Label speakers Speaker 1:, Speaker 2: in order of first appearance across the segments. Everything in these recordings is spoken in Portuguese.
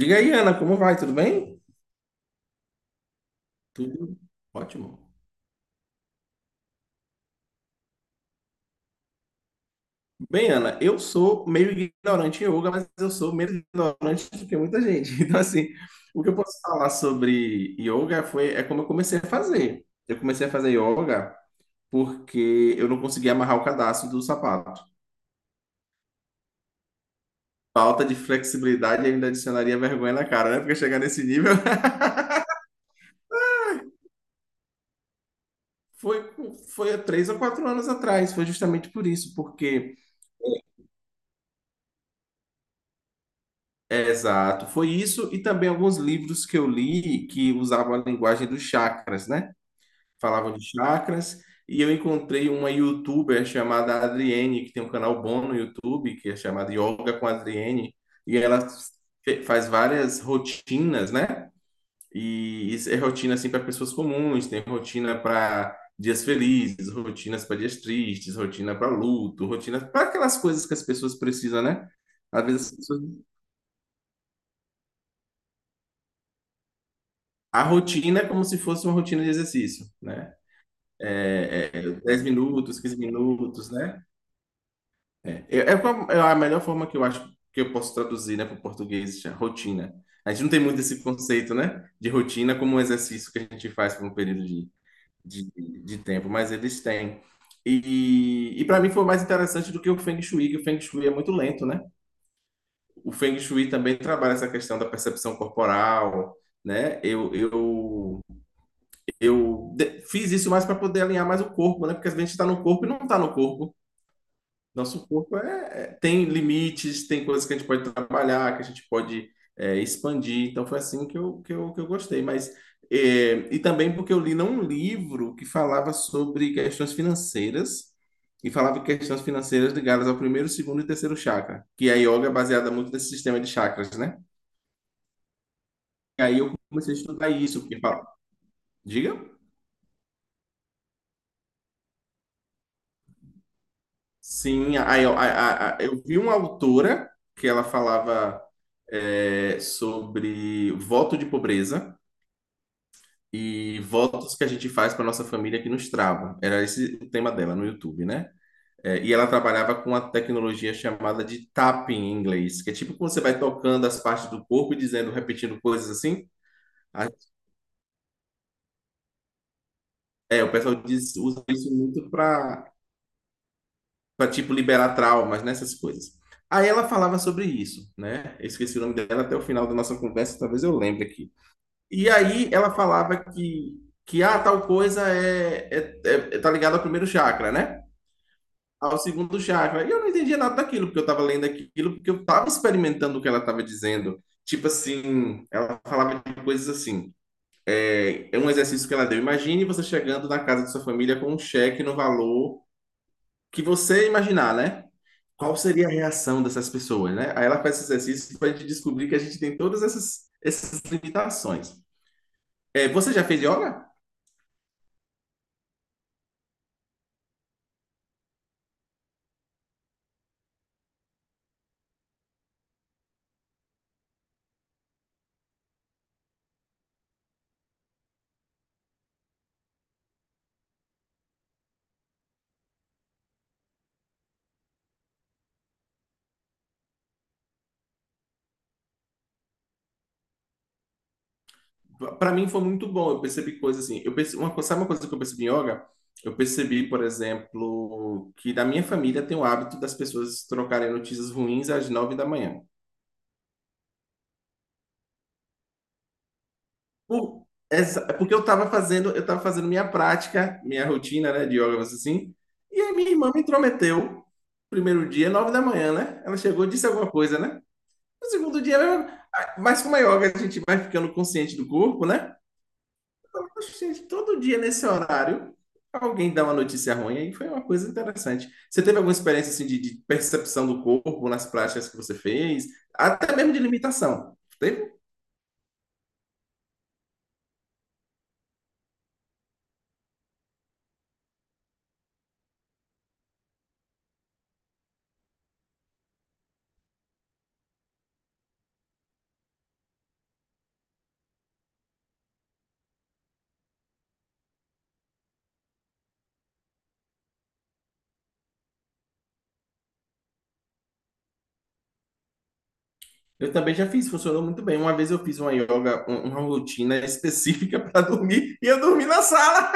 Speaker 1: Diga aí, Ana, como vai? Tudo bem? Tudo ótimo. Bem, Ana, eu sou meio ignorante em yoga, mas eu sou menos ignorante do que muita gente. Então, assim, o que eu posso falar sobre yoga foi é como eu comecei a fazer. Eu comecei a fazer yoga porque eu não conseguia amarrar o cadarço do sapato. Falta de flexibilidade ainda adicionaria vergonha na cara, né? Porque chegar nesse nível. Foi, foi há 3 ou 4 anos atrás, foi justamente por isso, porque. É, exato, foi isso e também alguns livros que eu li que usavam a linguagem dos chakras, né? Falavam de chakras e eu encontrei uma youtuber chamada Adriene, que tem um canal bom no YouTube, que é chamado Yoga com Adriene, e ela faz várias rotinas, né? E isso é rotina assim para pessoas comuns, tem rotina para dias felizes, rotinas para dias tristes, rotina para luto, rotina para aquelas coisas que as pessoas precisam, né? Às vezes as pessoas A rotina é como se fosse uma rotina de exercício, né? 10 minutos, 15 minutos, né? É a melhor forma que eu acho que eu posso traduzir, né, para o português, já, rotina. A gente não tem muito esse conceito, né, de rotina como um exercício que a gente faz por um período de, de tempo, mas eles têm. E para mim foi mais interessante do que o Feng Shui, que o Feng Shui é muito lento, né? O Feng Shui também trabalha essa questão da percepção corporal, né? Fiz isso mais para poder alinhar mais o corpo, né? Porque às vezes a gente está no corpo e não está no corpo. Nosso corpo tem limites, tem coisas que a gente pode trabalhar, que a gente pode expandir. Então foi assim que eu gostei. Mas e também porque eu li num livro que falava sobre questões financeiras e falava de questões financeiras ligadas ao primeiro, segundo e terceiro chakra, que a yoga é baseada muito nesse sistema de chakras, né? E aí eu comecei a estudar isso, porque fala, diga. Sim, aí eu, a- eu vi uma autora que ela falava sobre voto de pobreza e votos que a gente faz para nossa família que nos travam. Era esse o tema dela no YouTube, né? É, e ela trabalhava com a tecnologia chamada de tapping em inglês, que é tipo quando você vai tocando as partes do corpo e dizendo, repetindo coisas assim. A- É, o pessoal diz, usa isso muito para tipo liberar traumas, nessas coisas. Aí ela falava sobre isso, né? Eu esqueci o nome dela até o final da nossa conversa, talvez eu lembre aqui. E aí ela falava tal coisa tá ligado ao primeiro chakra, né? Ao segundo chakra. E eu não entendia nada daquilo, porque eu estava lendo aquilo, porque eu estava experimentando o que ela estava dizendo. Tipo assim, ela falava de coisas assim. É, é um exercício que ela deu. Imagine você chegando na casa de sua família com um cheque no valor que você imaginar, né? Qual seria a reação dessas pessoas, né? Aí ela faz esse exercício para a gente descobrir que a gente tem todas essas limitações. É, você já fez yoga? Para mim foi muito bom. Eu percebi coisas assim. Eu percebi, uma, sabe uma coisa que eu percebi em yoga? Eu percebi, por exemplo, que na minha família tem o hábito das pessoas trocarem notícias ruins às 9 da manhã. É porque eu tava fazendo minha prática, minha rotina, né, de yoga, assim. E aí minha irmã me intrometeu. Primeiro dia, 9 da manhã, né? Ela chegou, disse alguma coisa, né? No segundo dia, mas como é yoga, a gente vai ficando consciente do corpo, né? Poxa, gente, todo dia nesse horário, alguém dá uma notícia ruim, aí foi uma coisa interessante. Você teve alguma experiência assim de percepção do corpo nas práticas que você fez? Até mesmo de limitação. Teve? Eu também já fiz, funcionou muito bem. Uma vez eu fiz uma yoga, uma rotina específica para dormir, e eu dormi na sala.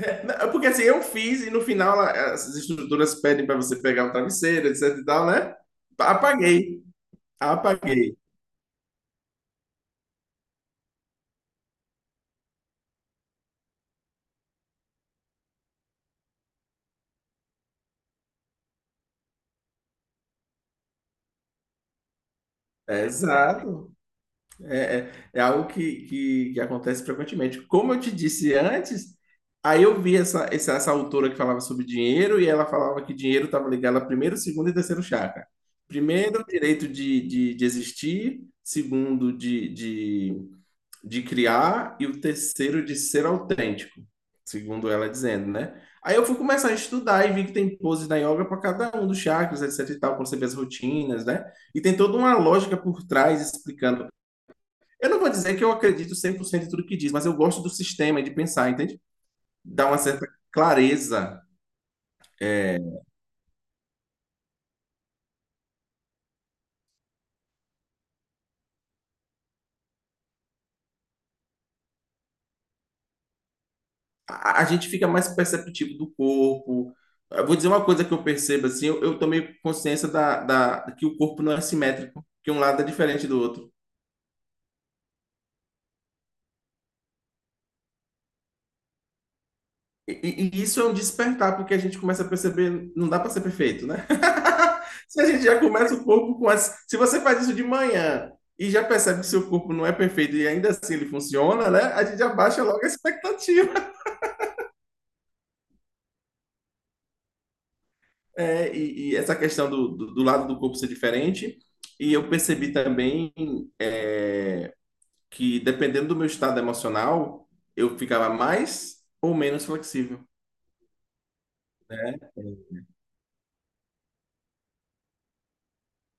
Speaker 1: Porque assim, eu fiz, e no final as estruturas pedem para você pegar um travesseiro, etc e tal, né? Apaguei, apaguei. Exato. É, algo que acontece frequentemente. Como eu te disse antes, aí eu vi essa autora que falava sobre dinheiro e ela falava que dinheiro estava ligado a primeiro, segundo e terceiro chakra. Primeiro, direito de existir, segundo, de criar, e o terceiro, de ser autêntico, segundo ela dizendo, né? Aí eu fui começar a estudar e vi que tem poses na yoga para cada um dos chakras, etc e tal, para você ver as rotinas, né? E tem toda uma lógica por trás explicando eu não vou dizer que eu acredito 100% em tudo que diz, mas eu gosto do sistema e de pensar, entende? Dá uma certa clareza. É, a gente fica mais perceptivo do corpo. Eu vou dizer uma coisa que eu percebo, assim, eu tomei consciência que o corpo não é simétrico, que um lado é diferente do outro. E isso é um despertar, porque a gente começa a perceber, não dá para ser perfeito, né? Se a gente já começa o corpo com as. Se você faz isso de manhã e já percebe que seu corpo não é perfeito e ainda assim ele funciona, né? A gente abaixa logo a expectativa. É, essa questão do lado do corpo ser diferente. E eu percebi também é, que dependendo do meu estado emocional, eu ficava mais ou menos flexível, né?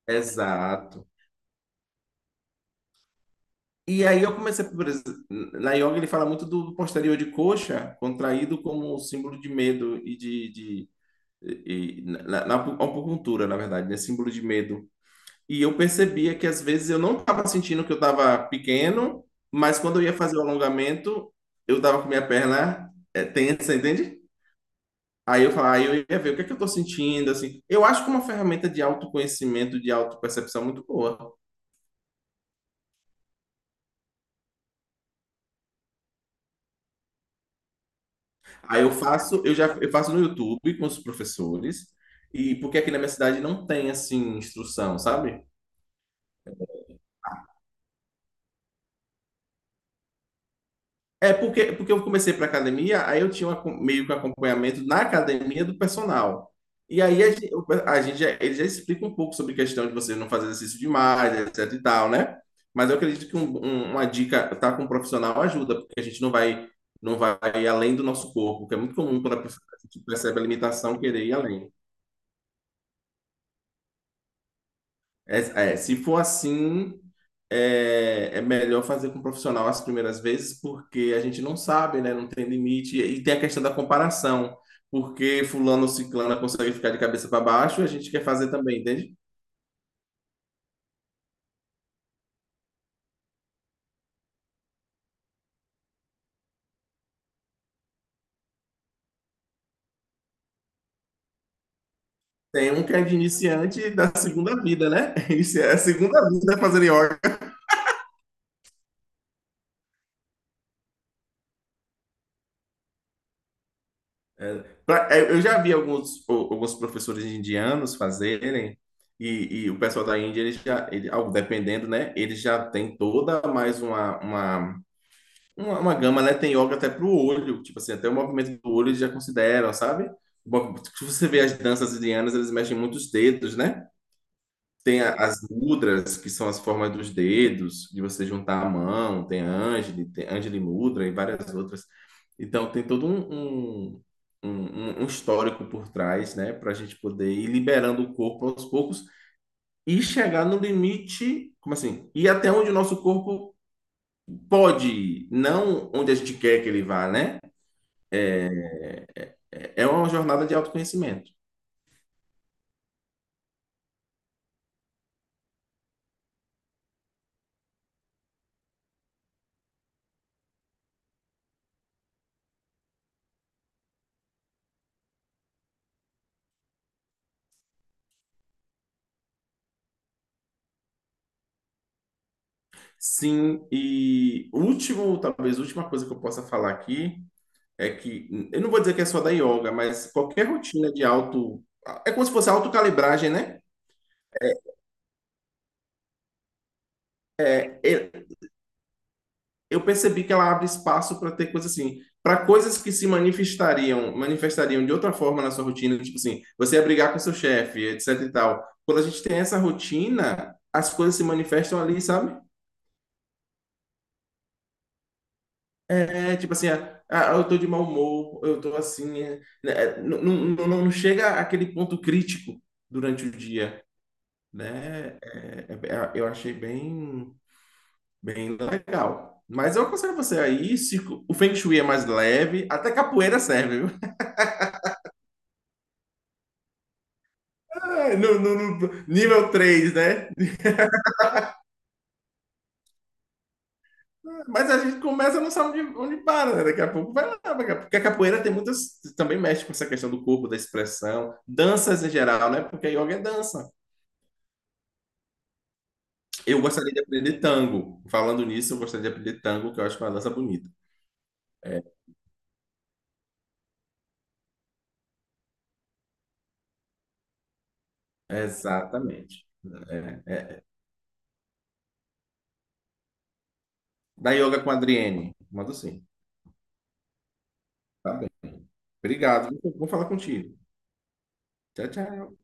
Speaker 1: Exato. E aí eu comecei, por exemplo, na yoga ele fala muito do posterior de coxa contraído como um símbolo de medo e de e, na, na acupuntura, na verdade, né? Símbolo de medo. E eu percebia que às vezes eu não estava sentindo que eu estava pequeno, mas quando eu ia fazer o alongamento, eu estava com minha perna tensa, entende? Aí eu falava, aí eu ia ver o que é que eu estou sentindo, assim. Eu acho que é uma ferramenta de autoconhecimento, de autopercepção muito boa. Aí eu faço no YouTube com os professores, e porque aqui na minha cidade não tem assim instrução, sabe? É porque, porque eu comecei para academia, aí eu tinha um meio que um acompanhamento na academia do personal. E aí ele já explica um pouco sobre a questão de você não fazer exercício demais, etc e tal, né? Mas eu acredito que uma dica tá com um profissional ajuda, porque a gente não vai além do nosso corpo, que é muito comum quando a pessoa percebe a limitação querer ir além. É, é, se for assim, é melhor fazer com um profissional as primeiras vezes, porque a gente não sabe, né? Não tem limite. E tem a questão da comparação, porque fulano ou ciclana consegue ficar de cabeça para baixo, a gente quer fazer também, entende? Tem um que é de iniciante da segunda vida, né? É a segunda vida fazendo yoga. É, eu já vi alguns, alguns professores indianos fazerem, e o pessoal da Índia, ele já, ele, ao- dependendo, né? Ele já tem toda mais uma gama, né? Tem yoga até pro olho, tipo assim, até o movimento do olho eles já consideram, sabe? O Se você vê as danças indianas, eles mexem muito os dedos, né? As mudras, que são as formas dos dedos, de você juntar a mão, tem Anjali Mudra e várias outras. Então, tem todo um histórico por trás, né? Para a gente poder ir liberando o corpo aos poucos e chegar no limite, como assim? Ir até onde o nosso corpo pode ir, não onde a gente quer que ele vá, né? É É uma jornada de autoconhecimento. Sim, e último, talvez última coisa que eu possa falar aqui é que eu não vou dizer que é só da yoga, mas qualquer rotina de auto, é como se fosse autocalibragem, né? É, é, eu percebi que ela abre espaço para ter coisas assim, para coisas que se manifestariam, manifestariam de outra forma na sua rotina, tipo assim, você ia brigar com seu chefe, etc e tal. Quando a gente tem essa rotina, as coisas se manifestam ali, sabe? É tipo assim, ah, eu tô de mau humor, eu tô assim, não, não, não, chega àquele ponto crítico durante o dia, né? Eu achei bem, bem legal. Mas eu aconselho você aí, se o Feng Shui é mais leve, até capoeira serve, viu? É, no nível 3, né? Mas a gente começa, não sabe onde para, né? Daqui a pouco vai lá, daqui a pouco. Porque a capoeira tem muitas. Também mexe com essa questão do corpo, da expressão, danças em geral, né? Porque a yoga é dança. Eu gostaria de aprender tango. Falando nisso, eu gostaria de aprender tango, que eu acho uma dança bonita. É, exatamente. É, é. Da yoga com a Adriene. Mando sim. Tá bem. Obrigado. Vou falar contigo. Tchau, tchau.